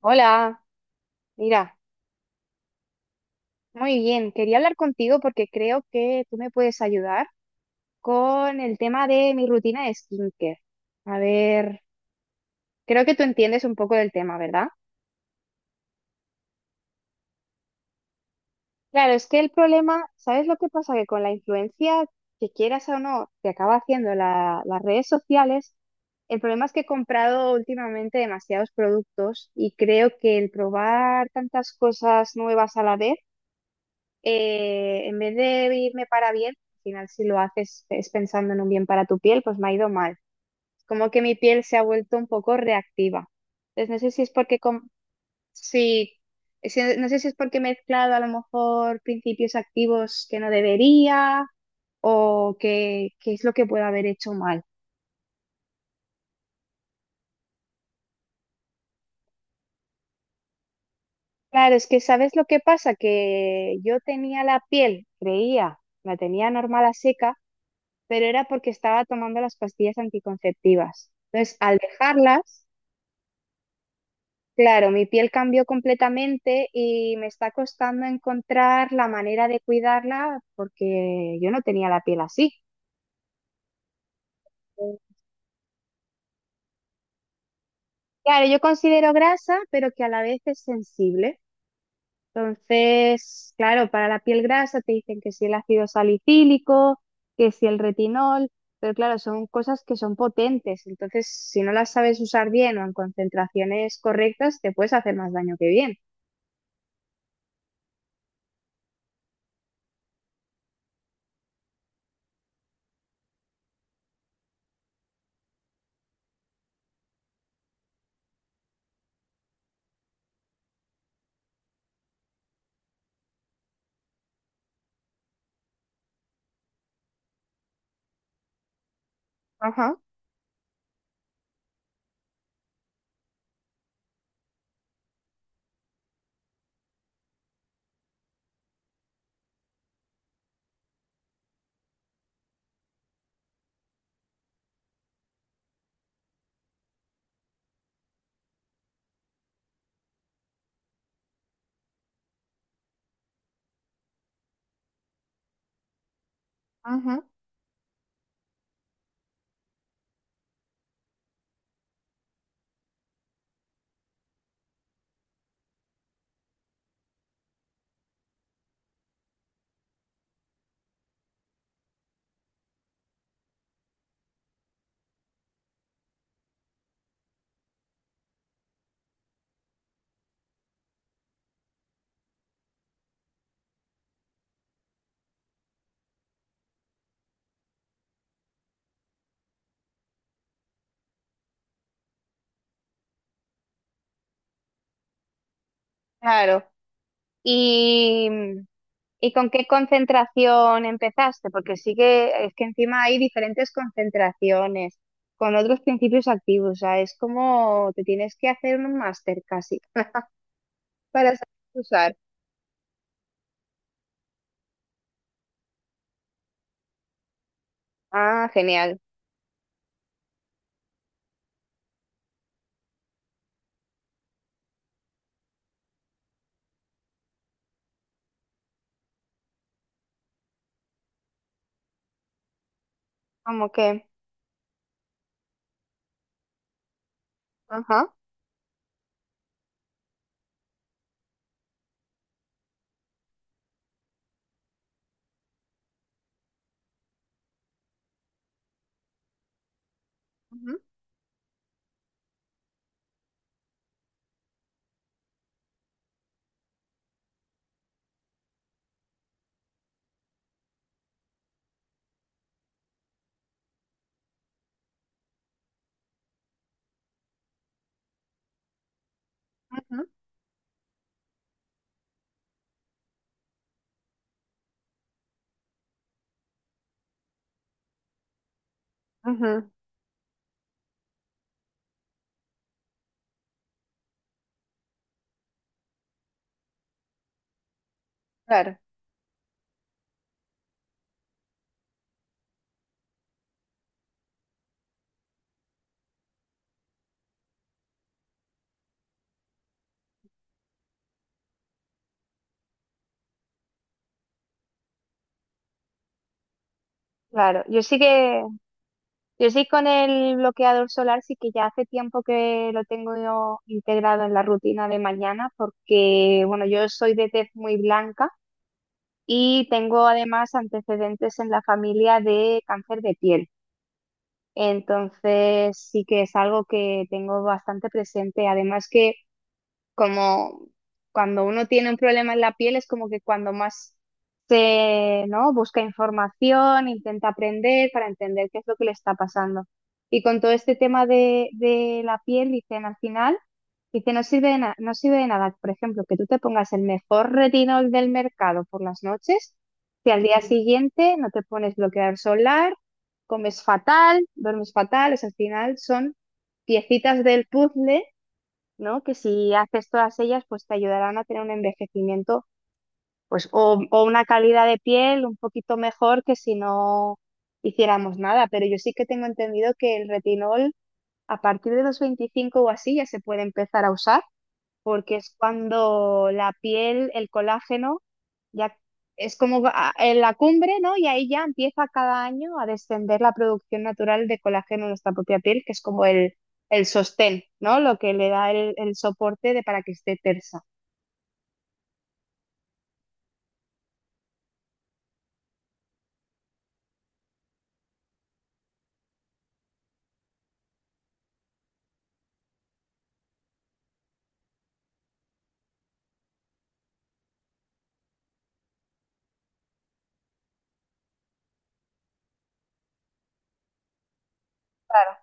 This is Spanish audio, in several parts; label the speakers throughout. Speaker 1: Hola, mira, muy bien. Quería hablar contigo porque creo que tú me puedes ayudar con el tema de mi rutina de skincare. A ver, creo que tú entiendes un poco del tema, ¿verdad? Claro, es que el problema, ¿sabes lo que pasa? Que con la influencia que quieras o no, te acaba haciendo las redes sociales. El problema es que he comprado últimamente demasiados productos y creo que el probar tantas cosas nuevas a la vez, en vez de irme para bien, al final si lo haces es pensando en un bien para tu piel, pues me ha ido mal. Como que mi piel se ha vuelto un poco reactiva. Entonces no sé si es porque sí, no sé si es porque he mezclado a lo mejor principios activos que no debería o que es lo que puedo haber hecho mal. Claro, es que ¿sabes lo que pasa? Que yo tenía la piel, creía, la tenía normal a seca, pero era porque estaba tomando las pastillas anticonceptivas. Entonces, al dejarlas, claro, mi piel cambió completamente y me está costando encontrar la manera de cuidarla porque yo no tenía la piel así. Claro, yo considero grasa, pero que a la vez es sensible. Entonces, claro, para la piel grasa te dicen que si el ácido salicílico, que si el retinol, pero claro, son cosas que son potentes. Entonces, si no las sabes usar bien o en concentraciones correctas, te puedes hacer más daño que bien. Ajá, ajá. Claro. ¿Y, y con qué concentración empezaste? Porque sí que es que encima hay diferentes concentraciones con otros principios activos. O sea, es como te tienes que hacer un máster casi. Para saber usar. Ah, genial. Como que, ajá, ujú, ujú, ujú, claro, claro. Yo sí que, yo sí con el bloqueador solar sí que ya hace tiempo que lo tengo yo integrado en la rutina de mañana porque, bueno, yo soy de tez muy blanca y tengo además antecedentes en la familia de cáncer de piel. Entonces sí que es algo que tengo bastante presente. Además que, como cuando uno tiene un problema en la piel, es como que cuando más se, ¿no? Busca información, intenta aprender para entender qué es lo que le está pasando. Y con todo este tema de la piel, dicen al final, dice, no sirve de no sirve de nada, por ejemplo, que tú te pongas el mejor retinol del mercado por las noches, si al día Ujú. Siguiente no te pones bloqueador solar, comes fatal, duermes fatal, o sea, al final son piecitas del puzzle, ¿no? Que si haces todas ellas, pues te ayudarán a tener un envejecimiento, pues, o una calidad de piel un poquito mejor que si no hiciéramos nada. Pero yo sí que tengo entendido que el retinol a partir de los 25 o así ya se puede empezar a usar, porque es cuando la piel, el colágeno, ya es como en la cumbre, ¿no? Y ahí ya empieza cada año a descender la producción natural de colágeno en nuestra propia piel, que es como el sostén, ¿no? Lo que le da el soporte de, para que esté tersa. Claro,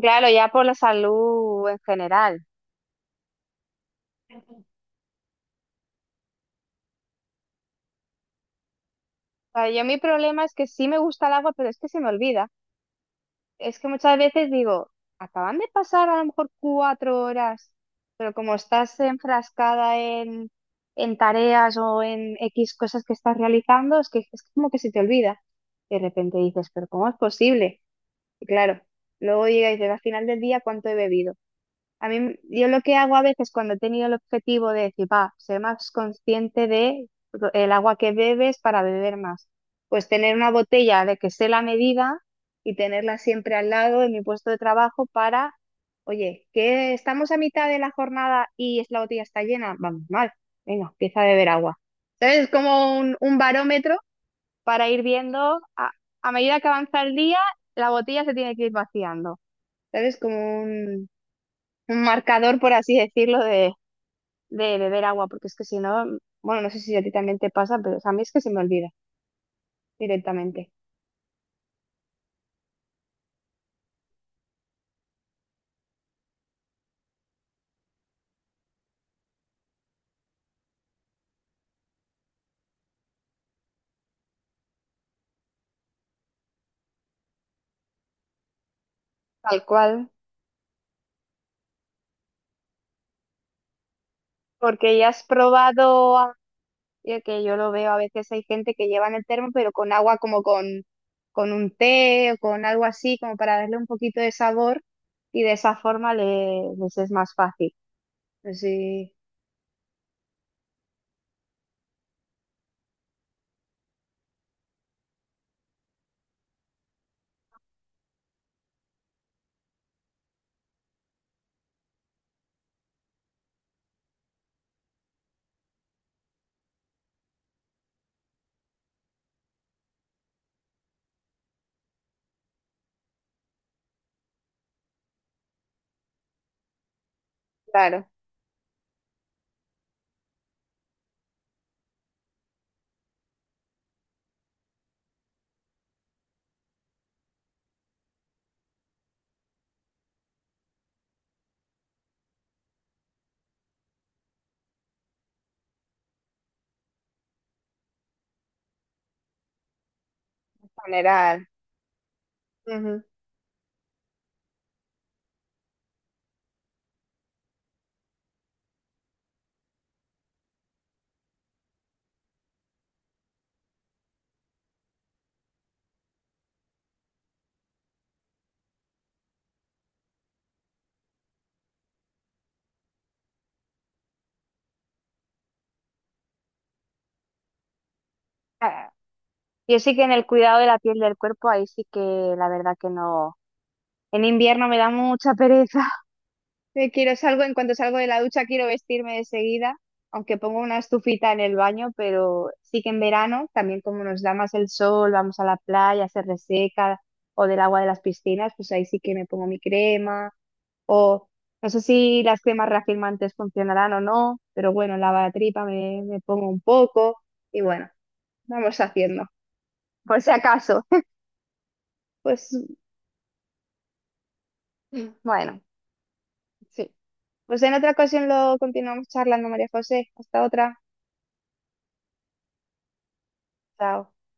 Speaker 1: claro, ya por la salud en general. O sea, yo mi problema es que sí me gusta el agua, pero es que se me olvida. Es que muchas veces digo, acaban de pasar a lo mejor 4 horas, pero como estás enfrascada en tareas o en X cosas que estás realizando, es que es como que se te olvida. De repente dices, pero ¿cómo es posible? Y claro, luego llega y dices, al final del día, ¿cuánto he bebido? A mí, yo lo que hago a veces cuando he tenido el objetivo de decir, va, ser más consciente de el agua que bebes para beber más. Pues tener una botella de que sé la medida y tenerla siempre al lado en mi puesto de trabajo para, oye, que estamos a mitad de la jornada y la botella está llena, vamos mal, venga, empieza a beber agua. Entonces es como un barómetro para ir viendo, a medida que avanza el día, la botella se tiene que ir vaciando. Entonces como un marcador, por así decirlo, de beber agua, porque es que si no, bueno, no sé si a ti también te pasa, pero a mí es que se me olvida directamente, tal cual, porque ya has probado, ya que yo lo veo a veces hay gente que lleva en el termo, pero con agua como con un té o con algo así, como para darle un poquito de sabor y de esa forma le, les es más fácil. Sí, claro, en general. Ujú. Ah, yo sí que en el cuidado de la piel y del cuerpo, ahí sí que la verdad que no. En invierno me da mucha pereza. Me quiero salgo, en cuanto salgo de la ducha quiero vestirme de seguida, aunque pongo una estufita en el baño, pero sí que en verano, también como nos da más el sol, vamos a la playa, se reseca, o del agua de las piscinas, pues ahí sí que me pongo mi crema, o no sé si las cremas reafirmantes funcionarán o no, pero bueno, lavatripa me, me pongo un poco, y bueno, vamos haciendo, por si acaso. Pues bueno, sí. Pues en otra ocasión lo continuamos charlando, María José. Hasta otra. Chao.